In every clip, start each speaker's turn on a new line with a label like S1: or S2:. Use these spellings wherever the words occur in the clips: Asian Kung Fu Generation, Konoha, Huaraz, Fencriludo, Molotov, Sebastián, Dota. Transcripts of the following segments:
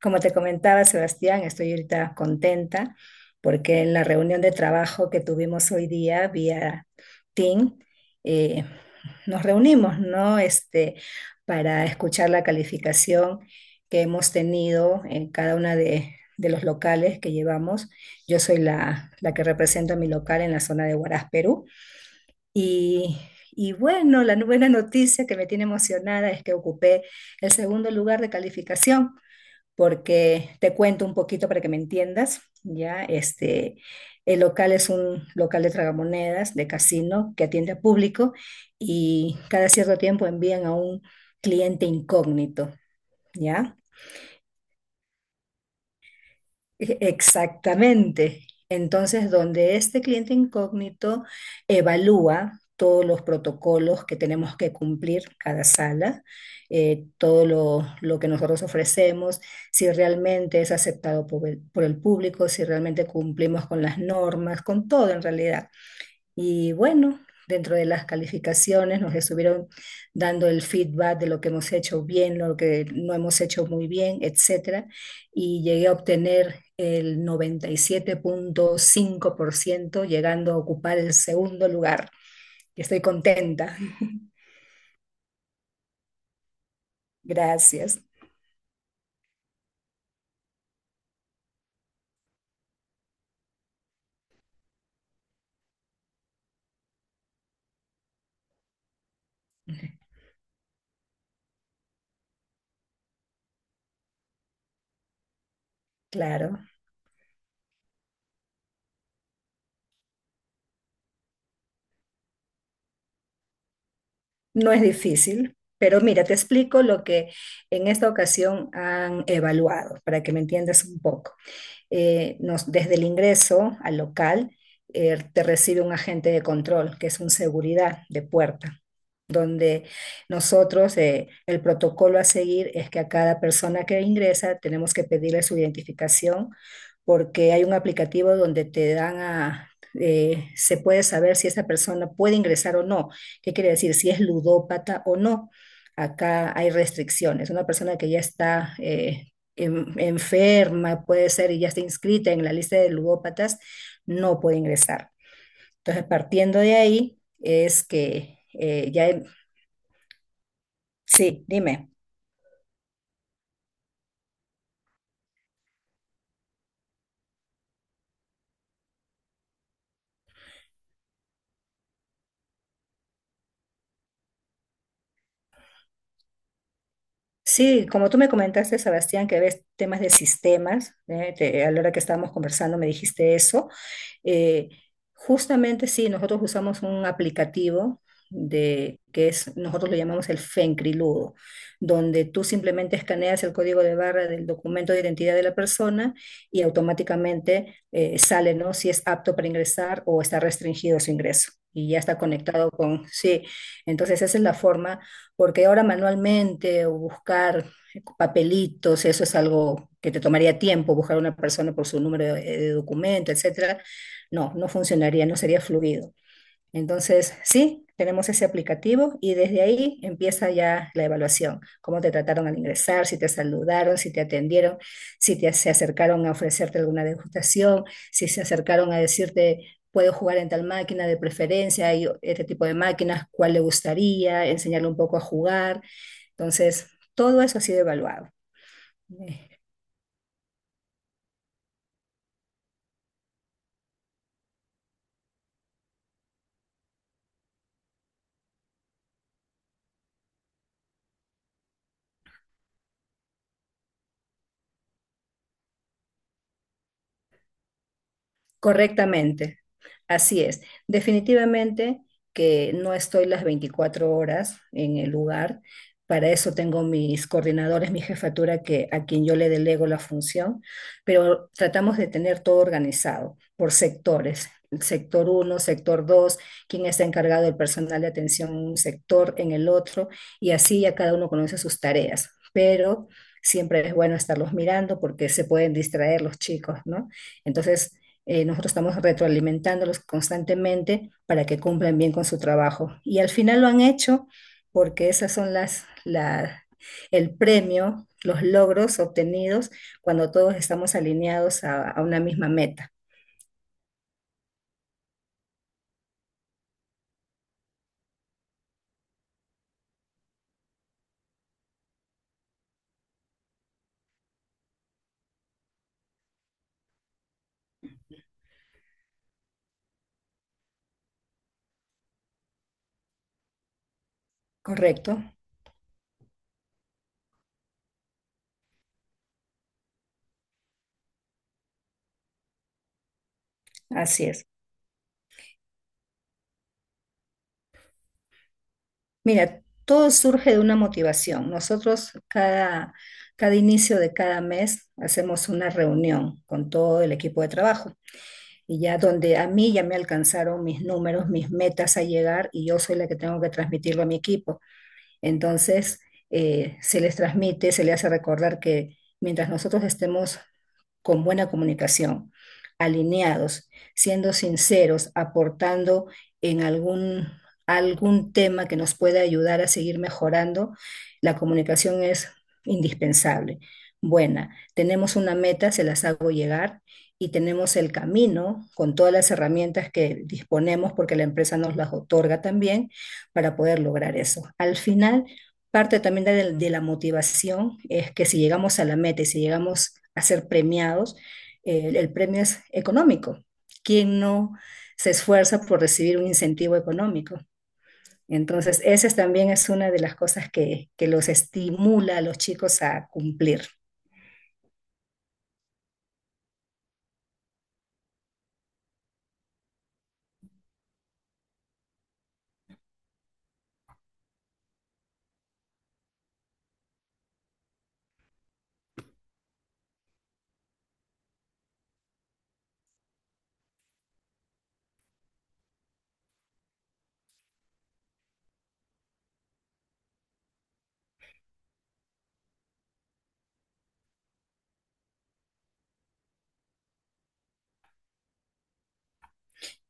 S1: Como te comentaba, Sebastián, estoy ahorita contenta porque en la reunión de trabajo que tuvimos hoy día vía Team, eh, nos reunimos, ¿no? Este, para escuchar la calificación que hemos tenido en cada una de los locales que llevamos. Yo soy la que represento a mi local en la zona de Huaraz, Perú. Y, y bueno, la buena noticia que me tiene emocionada es que ocupé el segundo lugar de calificación porque te cuento un poquito para que me entiendas, ¿ya? Este, el local es un local de tragamonedas, de casino, que atiende a público y cada cierto tiempo envían a un cliente incógnito, ¿ya? Exactamente. Entonces, donde este cliente incógnito evalúa todos los protocolos que tenemos que cumplir cada sala, todo lo que nosotros ofrecemos, si realmente es aceptado por el público, si realmente cumplimos con las normas, con todo en realidad. Y bueno, dentro de las calificaciones nos estuvieron dando el feedback de lo que hemos hecho bien, lo que no hemos hecho muy bien, etcétera. Y llegué a obtener el 97.5%, llegando a ocupar el segundo lugar. Estoy contenta. Gracias. Claro, no es difícil. Pero mira, te explico lo que en esta ocasión han evaluado para que me entiendas un poco. Desde el ingreso al local te recibe un agente de control, que es un seguridad de puerta donde nosotros el protocolo a seguir es que a cada persona que ingresa tenemos que pedirle su identificación porque hay un aplicativo donde te dan a... se puede saber si esa persona puede ingresar o no. ¿Qué quiere decir? Si es ludópata o no. Acá hay restricciones. Una persona que ya está enferma, puede ser, y ya está inscrita en la lista de ludópatas, no puede ingresar. Entonces, partiendo de ahí, es que ya... Sí, dime. Sí, como tú me comentaste, Sebastián, que ves temas de sistemas, ¿eh? A la hora que estábamos conversando me dijiste eso. Eh, Justamente sí, nosotros usamos un aplicativo nosotros lo llamamos el Fencriludo, donde tú simplemente escaneas el código de barra del documento de identidad de la persona y automáticamente sale, ¿no? Si es apto para ingresar o está restringido su ingreso. Y ya está conectado con, sí, entonces esa es la forma, porque ahora manualmente o buscar papelitos, eso es algo que te tomaría tiempo, buscar a una persona por su número de documento, etcétera, no, no funcionaría, no sería fluido. Entonces, sí, tenemos ese aplicativo y desde ahí empieza ya la evaluación, cómo te trataron al ingresar, si te saludaron, si te atendieron, si se acercaron a ofrecerte alguna degustación, si se acercaron a decirte, puedo jugar en tal máquina de preferencia, hay este tipo de máquinas, cuál le gustaría, enseñarle un poco a jugar. Entonces, todo eso ha sido evaluado. Eh, Correctamente, así es. Definitivamente que no estoy las 24 horas en el lugar. Para eso tengo mis coordinadores, mi jefatura, que, a quien yo le delego la función, pero tratamos de tener todo organizado por sectores. El sector uno, sector 2, quien está encargado del personal de atención en un sector, en el otro, y así ya cada uno conoce sus tareas. Pero siempre es bueno estarlos mirando porque se pueden distraer los chicos, ¿no? Entonces, nosotros estamos retroalimentándolos constantemente para que cumplan bien con su trabajo. Y al final lo han hecho porque esas son el premio, los logros obtenidos cuando todos estamos alineados a una misma meta. ¿Correcto? Así es. Mira, todo surge de una motivación. Nosotros cada inicio de cada mes hacemos una reunión con todo el equipo de trabajo y ya donde a mí ya me alcanzaron mis números, mis metas a llegar y yo soy la que tengo que transmitirlo a mi equipo. Entonces, se les transmite, se les hace recordar que mientras nosotros estemos con buena comunicación, alineados, siendo sinceros, aportando en algún tema que nos pueda ayudar a seguir mejorando, la comunicación es indispensable. Buena, tenemos una meta, se las hago llegar y tenemos el camino con todas las herramientas que disponemos porque la empresa nos las otorga también para poder lograr eso. Al final, parte también de la motivación es que si llegamos a la meta y si llegamos a ser premiados, el premio es económico. ¿Quién no se esfuerza por recibir un incentivo económico? Entonces, esa es también es una de las cosas que los estimula a los chicos a cumplir.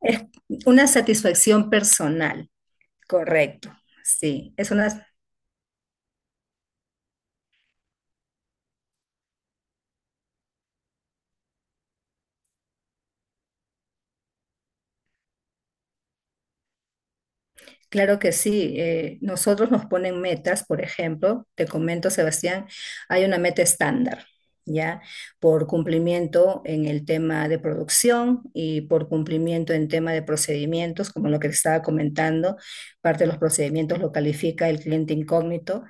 S1: Es una satisfacción personal, correcto. Sí, es una. Claro que sí. Nosotros nos ponen metas, por ejemplo, te comento, Sebastián, hay una meta estándar, ¿ya? Por cumplimiento en el tema de producción y por cumplimiento en tema de procedimientos, como lo que te estaba comentando, parte de los procedimientos lo califica el cliente incógnito.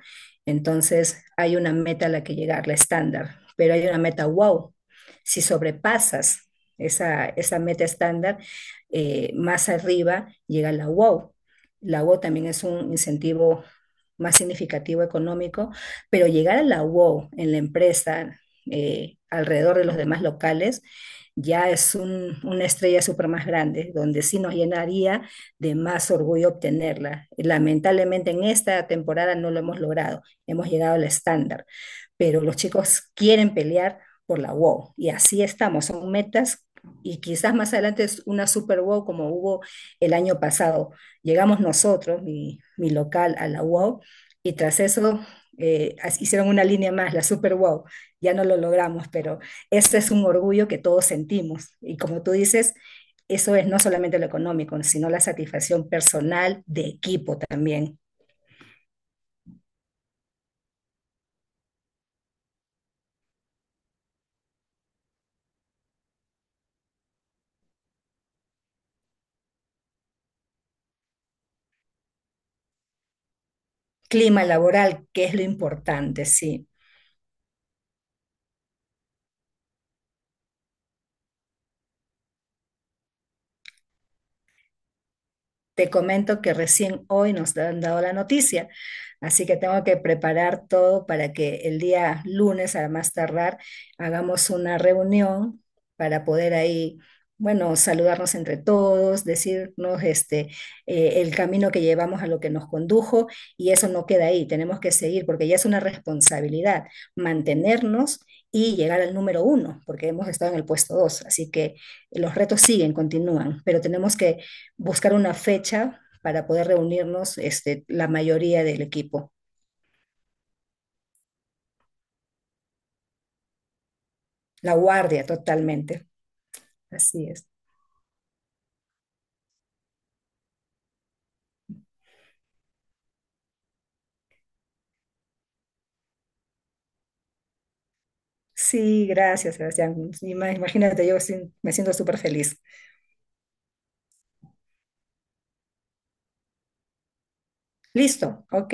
S1: Entonces, hay una meta a la que llegar, la estándar, pero hay una meta wow. Si sobrepasas esa meta estándar, más arriba llega la wow. La UO también es un incentivo más significativo económico, pero llegar a la UO en la empresa alrededor de los demás locales ya es una estrella súper más grande, donde sí nos llenaría de más orgullo obtenerla. Lamentablemente en esta temporada no lo hemos logrado, hemos llegado al estándar, pero los chicos quieren pelear por la WOW y así estamos, son metas y quizás más adelante es una super WOW como hubo el año pasado. Llegamos nosotros, mi local, a la UAU, y tras eso hicieron una línea más, la Super Wow. Ya no lo logramos, pero ese es un orgullo que todos sentimos. Y como tú dices, eso es no solamente lo económico, sino la satisfacción personal de equipo también. Clima laboral, que es lo importante, sí. Te comento que recién hoy nos han dado la noticia, así que tengo que preparar todo para que el día lunes, a más tardar, hagamos una reunión para poder ahí, bueno, saludarnos entre todos, decirnos este, el camino que llevamos a lo que nos condujo y eso no queda ahí, tenemos que seguir porque ya es una responsabilidad mantenernos y llegar al número uno, porque hemos estado en el puesto dos, así que los retos siguen, continúan, pero tenemos que buscar una fecha para poder reunirnos, este, la mayoría del equipo. La guardia totalmente. Así es. Sí, gracias, Sebastián. Imagínate, yo sí me siento súper feliz. Listo, OK.